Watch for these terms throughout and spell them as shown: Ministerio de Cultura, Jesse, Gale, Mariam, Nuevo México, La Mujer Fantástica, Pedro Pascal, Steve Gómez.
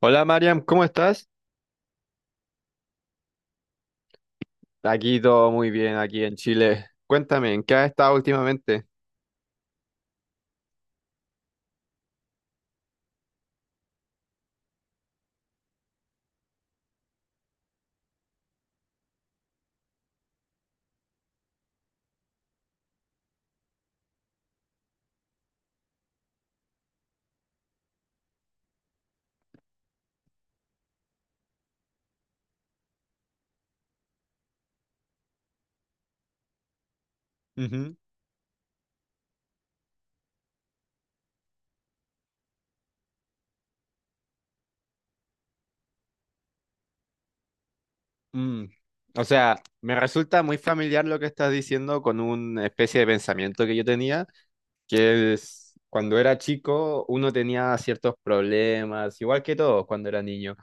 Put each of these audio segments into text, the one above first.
Hola Mariam, ¿cómo estás? Aquí todo muy bien, aquí en Chile. Cuéntame, ¿en qué has estado últimamente? Ujú. Mm. O sea, me resulta muy familiar lo que estás diciendo con una especie de pensamiento que yo tenía, que es cuando era chico uno tenía ciertos problemas, igual que todos cuando era niño.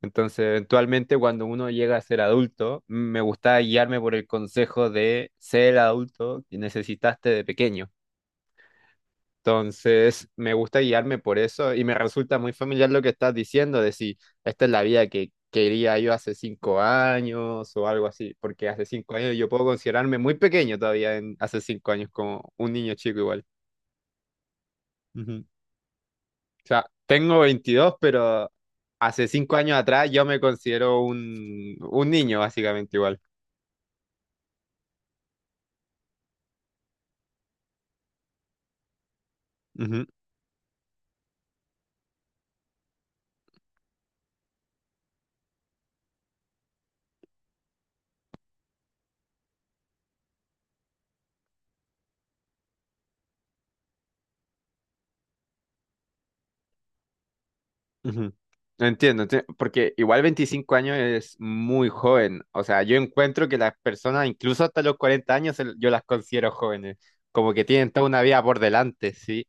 Entonces, eventualmente cuando uno llega a ser adulto, me gusta guiarme por el consejo de ser el adulto que necesitaste de pequeño. Entonces, me gusta guiarme por eso y me resulta muy familiar lo que estás diciendo de si esta es la vida que quería yo hace 5 años o algo así, porque hace 5 años yo puedo considerarme muy pequeño todavía en hace 5 años como un niño chico igual. Ujú. O sea, tengo 22 pero hace 5 años atrás yo me considero un niño básicamente igual. Ujú. Ujú. Entiendo, porque igual 25 años es muy joven. O sea, yo encuentro que las personas, incluso hasta los 40 años, yo las considero jóvenes. Como que tienen toda una vida por delante, sí.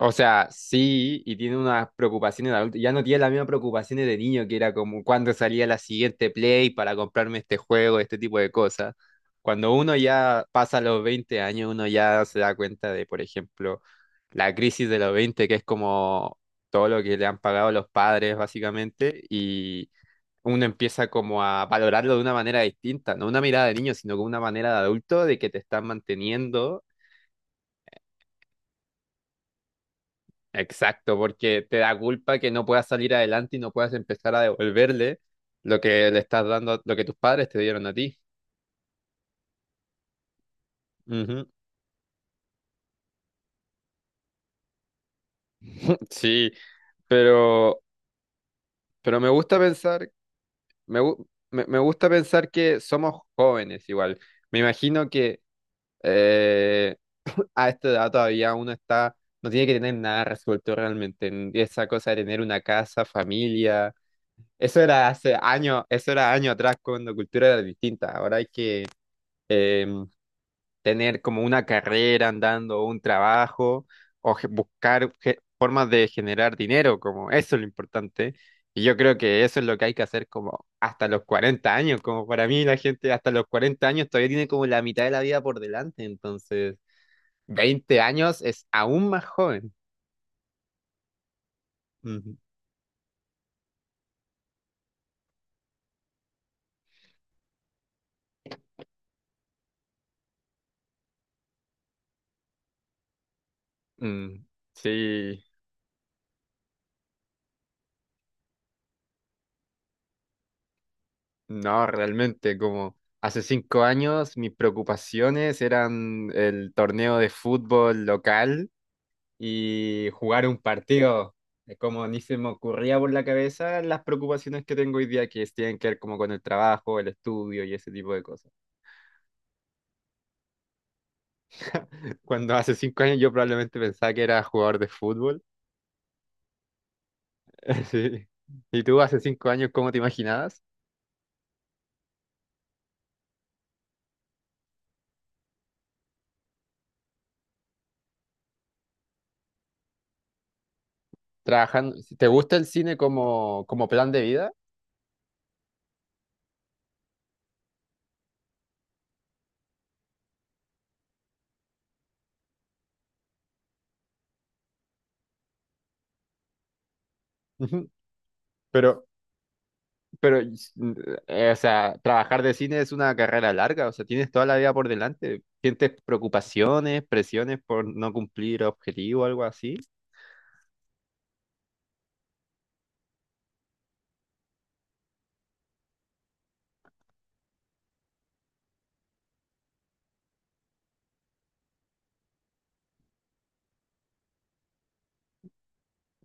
O sea, sí, y tiene unas preocupaciones de adulto. Ya no tiene las mismas preocupaciones de niño, que era como cuando salía la siguiente Play para comprarme este juego, este tipo de cosas. Cuando uno ya pasa los 20 años, uno ya se da cuenta de, por ejemplo, la crisis de los 20, que es como todo lo que le han pagado los padres, básicamente, y uno empieza como a valorarlo de una manera distinta, no una mirada de niño, sino con una manera de adulto de que te están manteniendo. Exacto, porque te da culpa que no puedas salir adelante y no puedas empezar a devolverle lo que le estás dando, lo que tus padres te dieron a ti. Ujú. Sí, pero, pero me gusta pensar, me, gu- me gusta pensar que somos jóvenes igual. Me imagino que eh, a esta edad todavía uno está, no tiene que tener nada resuelto realmente en esa cosa de tener una casa, familia. Eso era hace años, eso era años atrás cuando la cultura era distinta. Ahora hay que em, tener como una carrera andando, o un trabajo, o buscar formas de generar dinero, como eso es lo importante. Y yo creo que eso es lo que hay que hacer como hasta los 40 años, como para mí la gente hasta los 40 años todavía tiene como la mitad de la vida por delante, entonces 20 años es aún más joven. Ujú. Mm, sí, no, realmente como. Hace 5 años mis preocupaciones eran el torneo de fútbol local y jugar un partido. Es como ni se me ocurría por la cabeza las preocupaciones que tengo hoy día que tienen que ver como con el trabajo, el estudio y ese tipo de cosas. Cuando hace 5 años yo probablemente pensaba que era jugador de fútbol. Sí. ¿Y tú hace 5 años cómo te imaginabas? Trabajando, ¿te gusta el cine como plan de vida? Ujú. Pero, Pero, o sea, trabajar de cine es una carrera larga, o sea, tienes toda la vida por delante. ¿Sientes preocupaciones, presiones por no cumplir objetivos o algo así?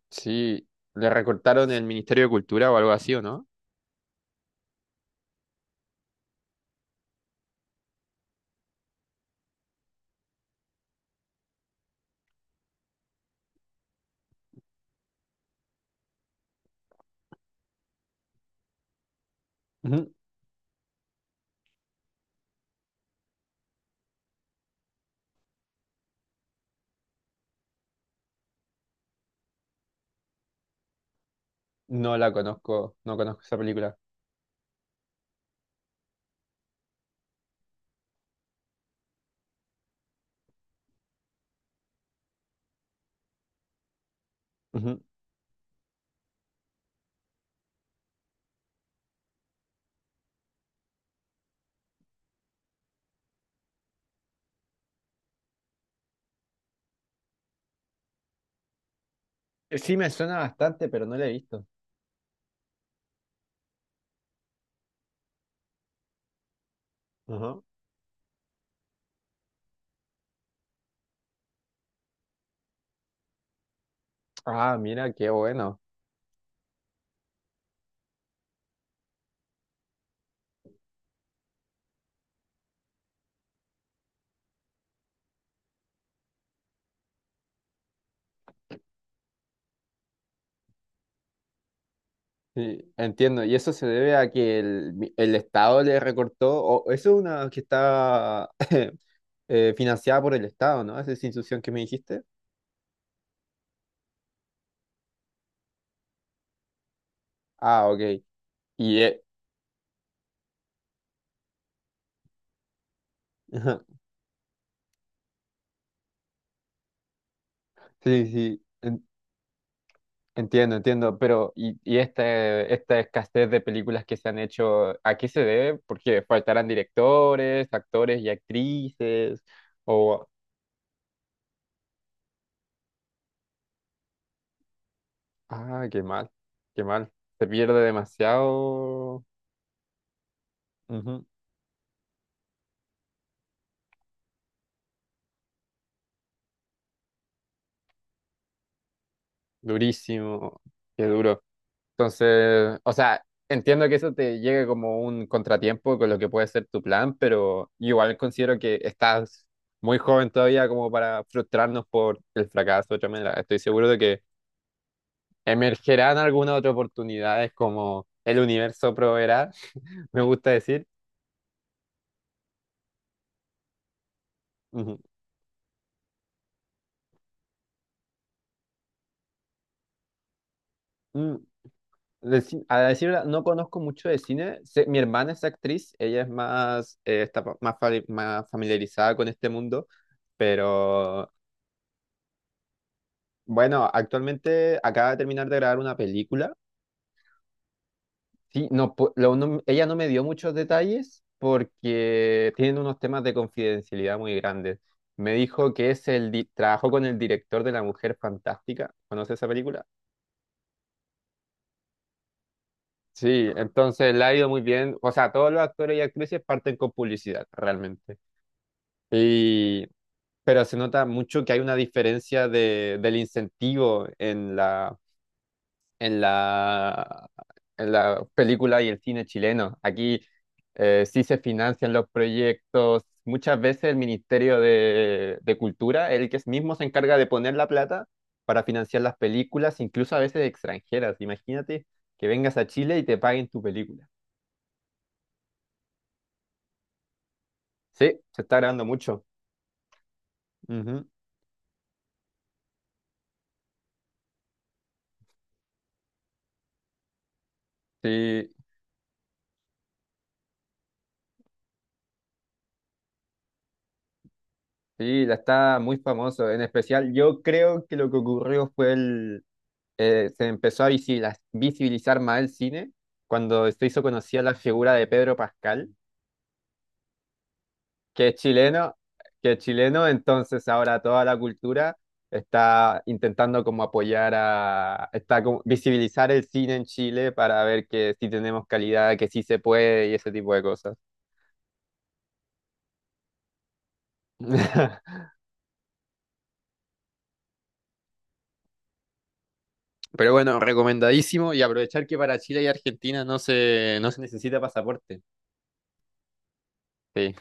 Sí, le recortaron el Ministerio de Cultura o algo así, ¿o no? Ujú. No la conozco, no conozco esa película. Ujú. Sí, me suena bastante, pero no la he visto. Ujú. Ah, mira, qué bueno. Sí, entiendo. Y eso se debe a que el Estado le recortó, o eso es una que está financiada por el Estado, ¿no? Esa institución que me dijiste. Ah, ok. Y sí, sí, entiendo. Pero, ¿y esta escasez de películas que se han hecho, a qué se debe? Porque faltarán directores, actores y actrices. O, ah, qué mal, qué mal. Se pierde demasiado. Ujú. Durísimo, qué duro. Entonces, o sea, entiendo que eso te llegue como un contratiempo con lo que puede ser tu plan, pero igual considero que estás muy joven todavía como para frustrarnos por el fracaso de otra manera. Estoy seguro de que emergerán algunas otras oportunidades como el universo proveerá, me gusta decir. Ujú. Mm, a decir verdad, no conozco mucho de cine. Mi hermana es actriz, ella es más, más, más familiarizada con este mundo, pero. Bueno, actualmente acaba de terminar de grabar una película. Sí, no, ella no me dio muchos detalles porque tienen unos temas de confidencialidad muy grandes. Me dijo que es trabajó con el director de La Mujer Fantástica. ¿Conoce esa película? Sí, entonces le ha ido muy bien. O sea, todos los actores y actrices parten con publicidad, realmente. Y pero se nota mucho que hay una diferencia de, del incentivo en la, en la película y el cine chileno. Aquí sí se financian los proyectos. Muchas veces el Ministerio de Cultura, el que mismo se encarga de poner la plata para financiar las películas, incluso a veces extranjeras. Imagínate que vengas a Chile y te paguen tu película. Sí, se está grabando mucho. Ujú. Sí, sí, la está muy famoso. En especial, yo creo que lo que ocurrió fue se empezó a visibilizar más el cine cuando se hizo conocida la figura de Pedro Pascal, que es chileno, que es chileno, entonces ahora toda la cultura está intentando como apoyar a, está como visibilizar el cine en Chile para ver que sí tenemos calidad, que sí se puede y ese tipo de cosas. Pero bueno, recomendadísimo y aprovechar que para Chile y Argentina no se necesita pasaporte. Sí.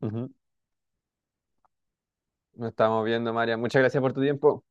Ujú. Nos estamos viendo, María. Muchas gracias por tu tiempo.